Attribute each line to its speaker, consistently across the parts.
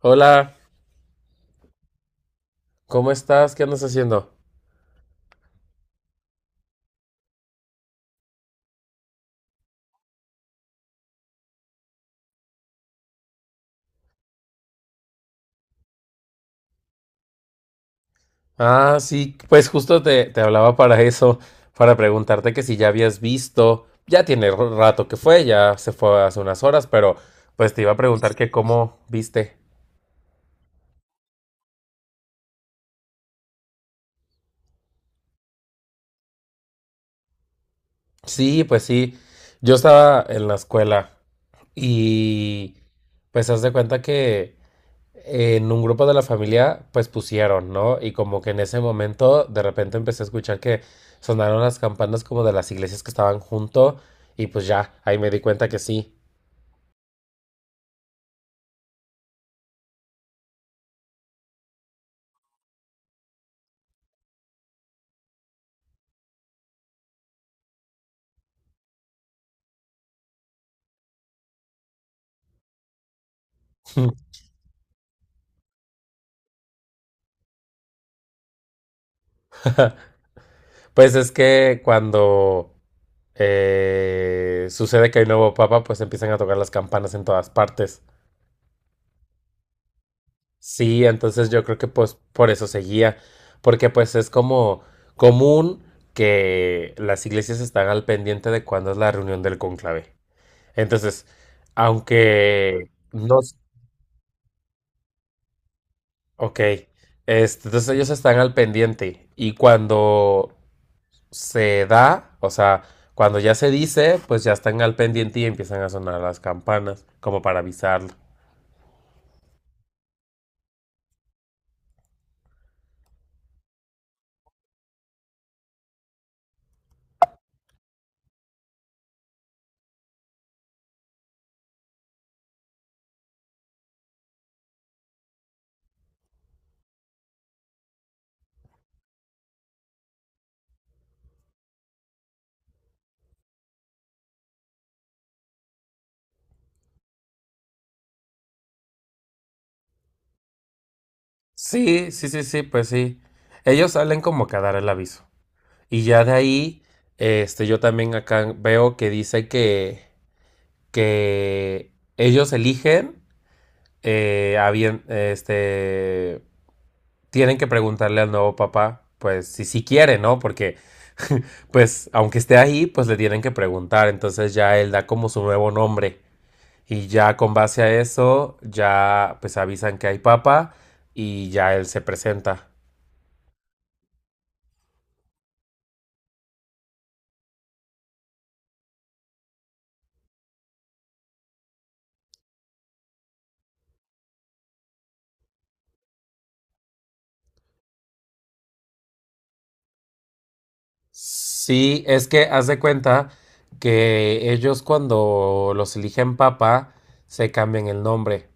Speaker 1: Hola, ¿cómo estás? ¿Qué andas haciendo? Ah, sí, pues justo te hablaba para eso, para preguntarte que si ya habías visto, ya tiene rato que fue, ya se fue hace unas horas, pero pues te iba a preguntar que cómo viste. Sí, pues sí, yo estaba en la escuela y pues haz de cuenta que en un grupo de la familia, pues pusieron, ¿no? Y como que en ese momento de repente empecé a escuchar que sonaron las campanas como de las iglesias que estaban junto y pues ya, ahí me di cuenta que sí. Pues es que cuando sucede que hay nuevo papa, pues empiezan a tocar las campanas en todas partes. Sí, entonces yo creo que pues por eso seguía, porque pues es como común que las iglesias están al pendiente de cuándo es la reunión del conclave. Entonces, aunque no, ok, entonces ellos están al pendiente y cuando se da, o sea, cuando ya se dice, pues ya están al pendiente y empiezan a sonar las campanas, como para avisarlo. Sí, sí, sí, sí, pues sí. Ellos salen como que a dar el aviso. Y ya de ahí, yo también acá veo que dice que ellos eligen, a bien, tienen que preguntarle al nuevo papá, pues si sí quiere, ¿no? Porque, pues, aunque esté ahí, pues le tienen que preguntar. Entonces ya él da como su nuevo nombre. Y ya con base a eso, ya pues avisan que hay papa y ya él se presenta. Sí, es que haz de cuenta que ellos cuando los eligen papa se cambian el nombre.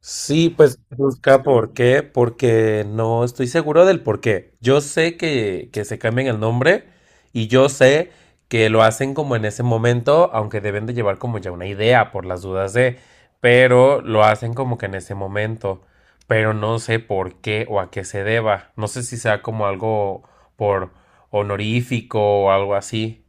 Speaker 1: Sí, pues busca por qué, porque no estoy seguro del por qué. Yo sé que se cambian el nombre y yo sé que lo hacen como en ese momento, aunque deben de llevar como ya una idea por las dudas de, pero lo hacen como que en ese momento, pero no sé por qué o a qué se deba. No sé si sea como algo por honorífico o algo así.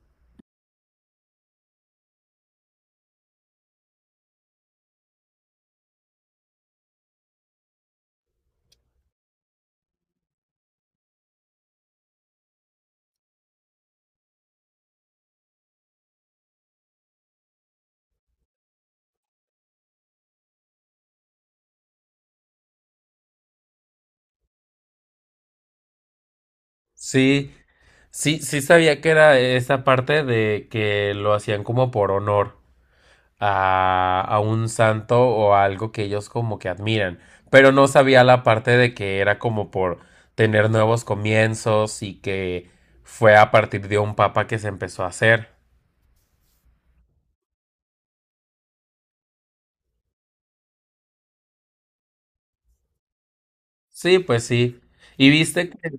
Speaker 1: Sí, sí, sí sabía que era esa parte de que lo hacían como por honor, a un santo o a algo que ellos como que admiran, pero no sabía la parte de que era como por tener nuevos comienzos y que fue a partir de un papa que se empezó a hacer. Sí, pues sí. Y viste que...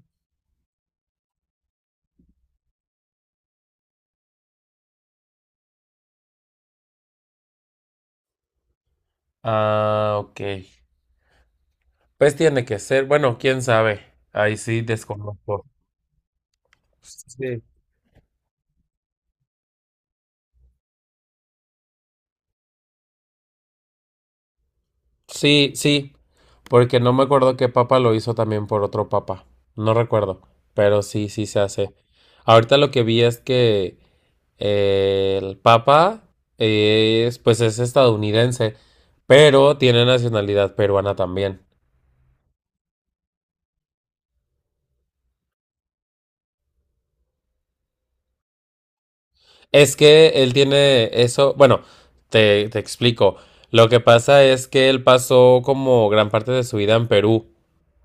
Speaker 1: Ah, ok. Pues tiene que ser. Bueno, quién sabe. Ahí sí desconozco. Sí. Sí, sí. Porque no me acuerdo qué papa lo hizo también por otro papa. No recuerdo. Pero sí, sí se hace. Ahorita lo que vi es que el Papa es, pues es estadounidense, pero tiene nacionalidad peruana también. Es que él tiene eso, bueno, te explico. Lo que pasa es que él pasó como gran parte de su vida en Perú,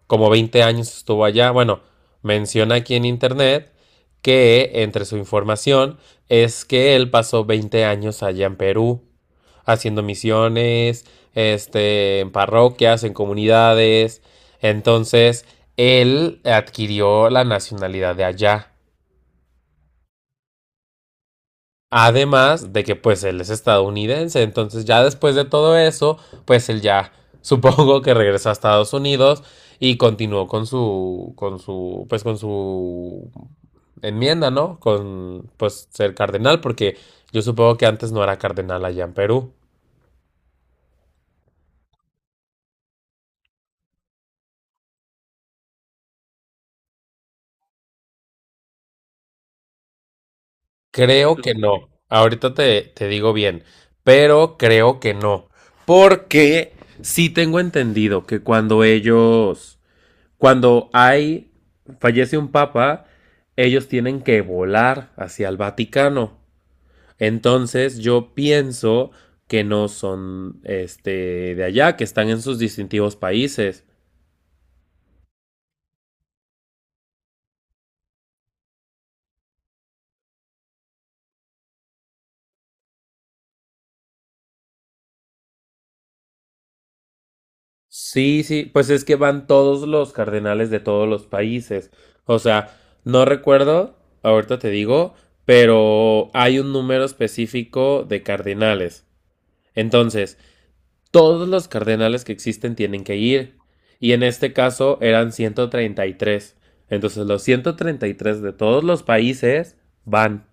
Speaker 1: como 20 años estuvo allá. Bueno, menciona aquí en internet que entre su información es que él pasó 20 años allá en Perú, haciendo misiones, en parroquias, en comunidades. Entonces, él adquirió la nacionalidad de allá. Además de que pues él es estadounidense, entonces ya después de todo eso, pues él ya supongo que regresó a Estados Unidos y continuó con su pues con su enmienda, ¿no? Con pues ser cardenal porque yo supongo que antes no era cardenal allá en Perú. Creo que no. Ahorita te digo bien, pero creo que no, porque sí tengo entendido que cuando fallece un papa, ellos tienen que volar hacia el Vaticano. Entonces yo pienso que no son este de allá, que están en sus distintivos países. Sí, sí, pues es que van todos los cardenales de todos los países. O sea, no recuerdo, ahorita te digo, pero hay un número específico de cardenales. Entonces, todos los cardenales que existen tienen que ir. Y en este caso eran 133. Entonces los 133 de todos los países van.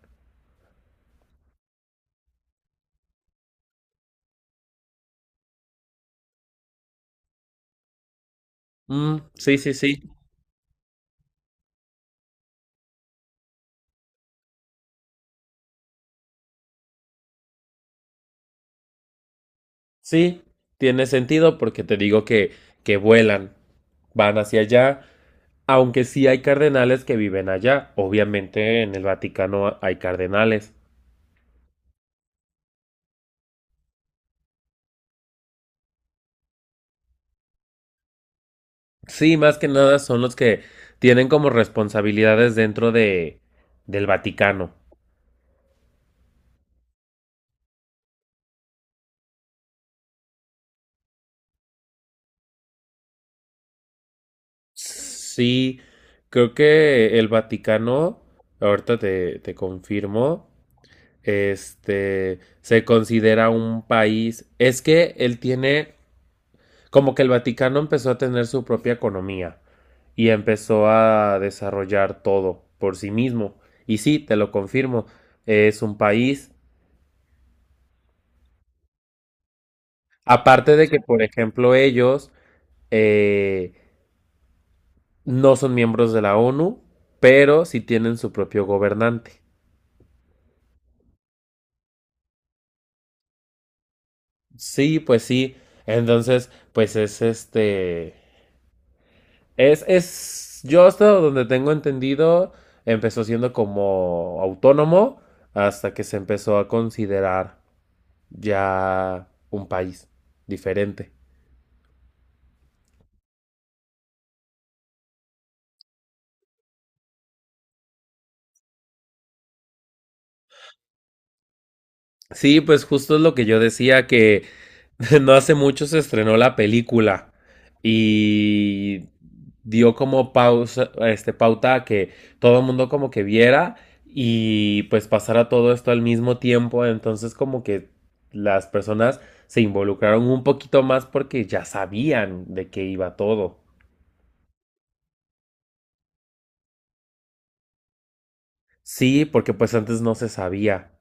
Speaker 1: Mm, sí, sí, sí. Sí, tiene sentido porque te digo que vuelan. Van hacia allá. Aunque sí hay cardenales que viven allá. Obviamente en el Vaticano hay cardenales. Sí, más que nada son los que tienen como responsabilidades dentro de del Vaticano. Sí, creo que el Vaticano, ahorita te confirmo, se considera un país, es que él tiene, como que el Vaticano empezó a tener su propia economía y empezó a desarrollar todo por sí mismo. Y sí, te lo confirmo, es un país. Aparte de que, por ejemplo, ellos eh, no son miembros de la ONU, pero sí tienen su propio gobernante. Sí, pues sí. Entonces, pues es este. Es, es. Yo hasta donde tengo entendido, empezó siendo como autónomo hasta que se empezó a considerar ya un país diferente. Sí, pues justo es lo que yo decía, que no hace mucho se estrenó la película y dio como pausa, pauta a que todo el mundo como que viera y pues pasara todo esto al mismo tiempo, entonces como que las personas se involucraron un poquito más porque ya sabían de qué iba todo. Sí, porque pues antes no se sabía.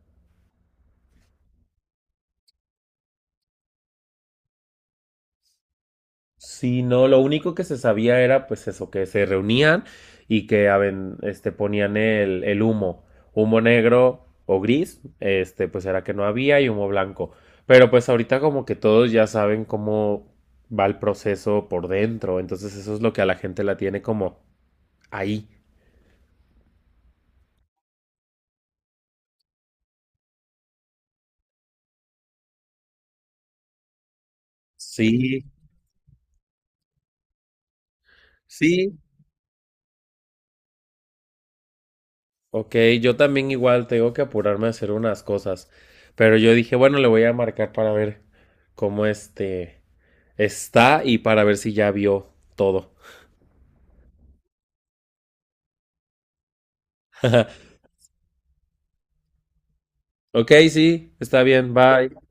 Speaker 1: Sí, no, lo único que se sabía era pues eso, que se reunían y que ponían el humo, humo negro o gris, pues era que no había y humo blanco. Pero pues ahorita como que todos ya saben cómo va el proceso por dentro, entonces eso es lo que a la gente la tiene como ahí. Sí, sí. Ok, yo también igual tengo que apurarme a hacer unas cosas, pero yo dije, bueno, le voy a marcar para ver cómo está y para ver si ya vio todo. Ok, sí, está bien, bye.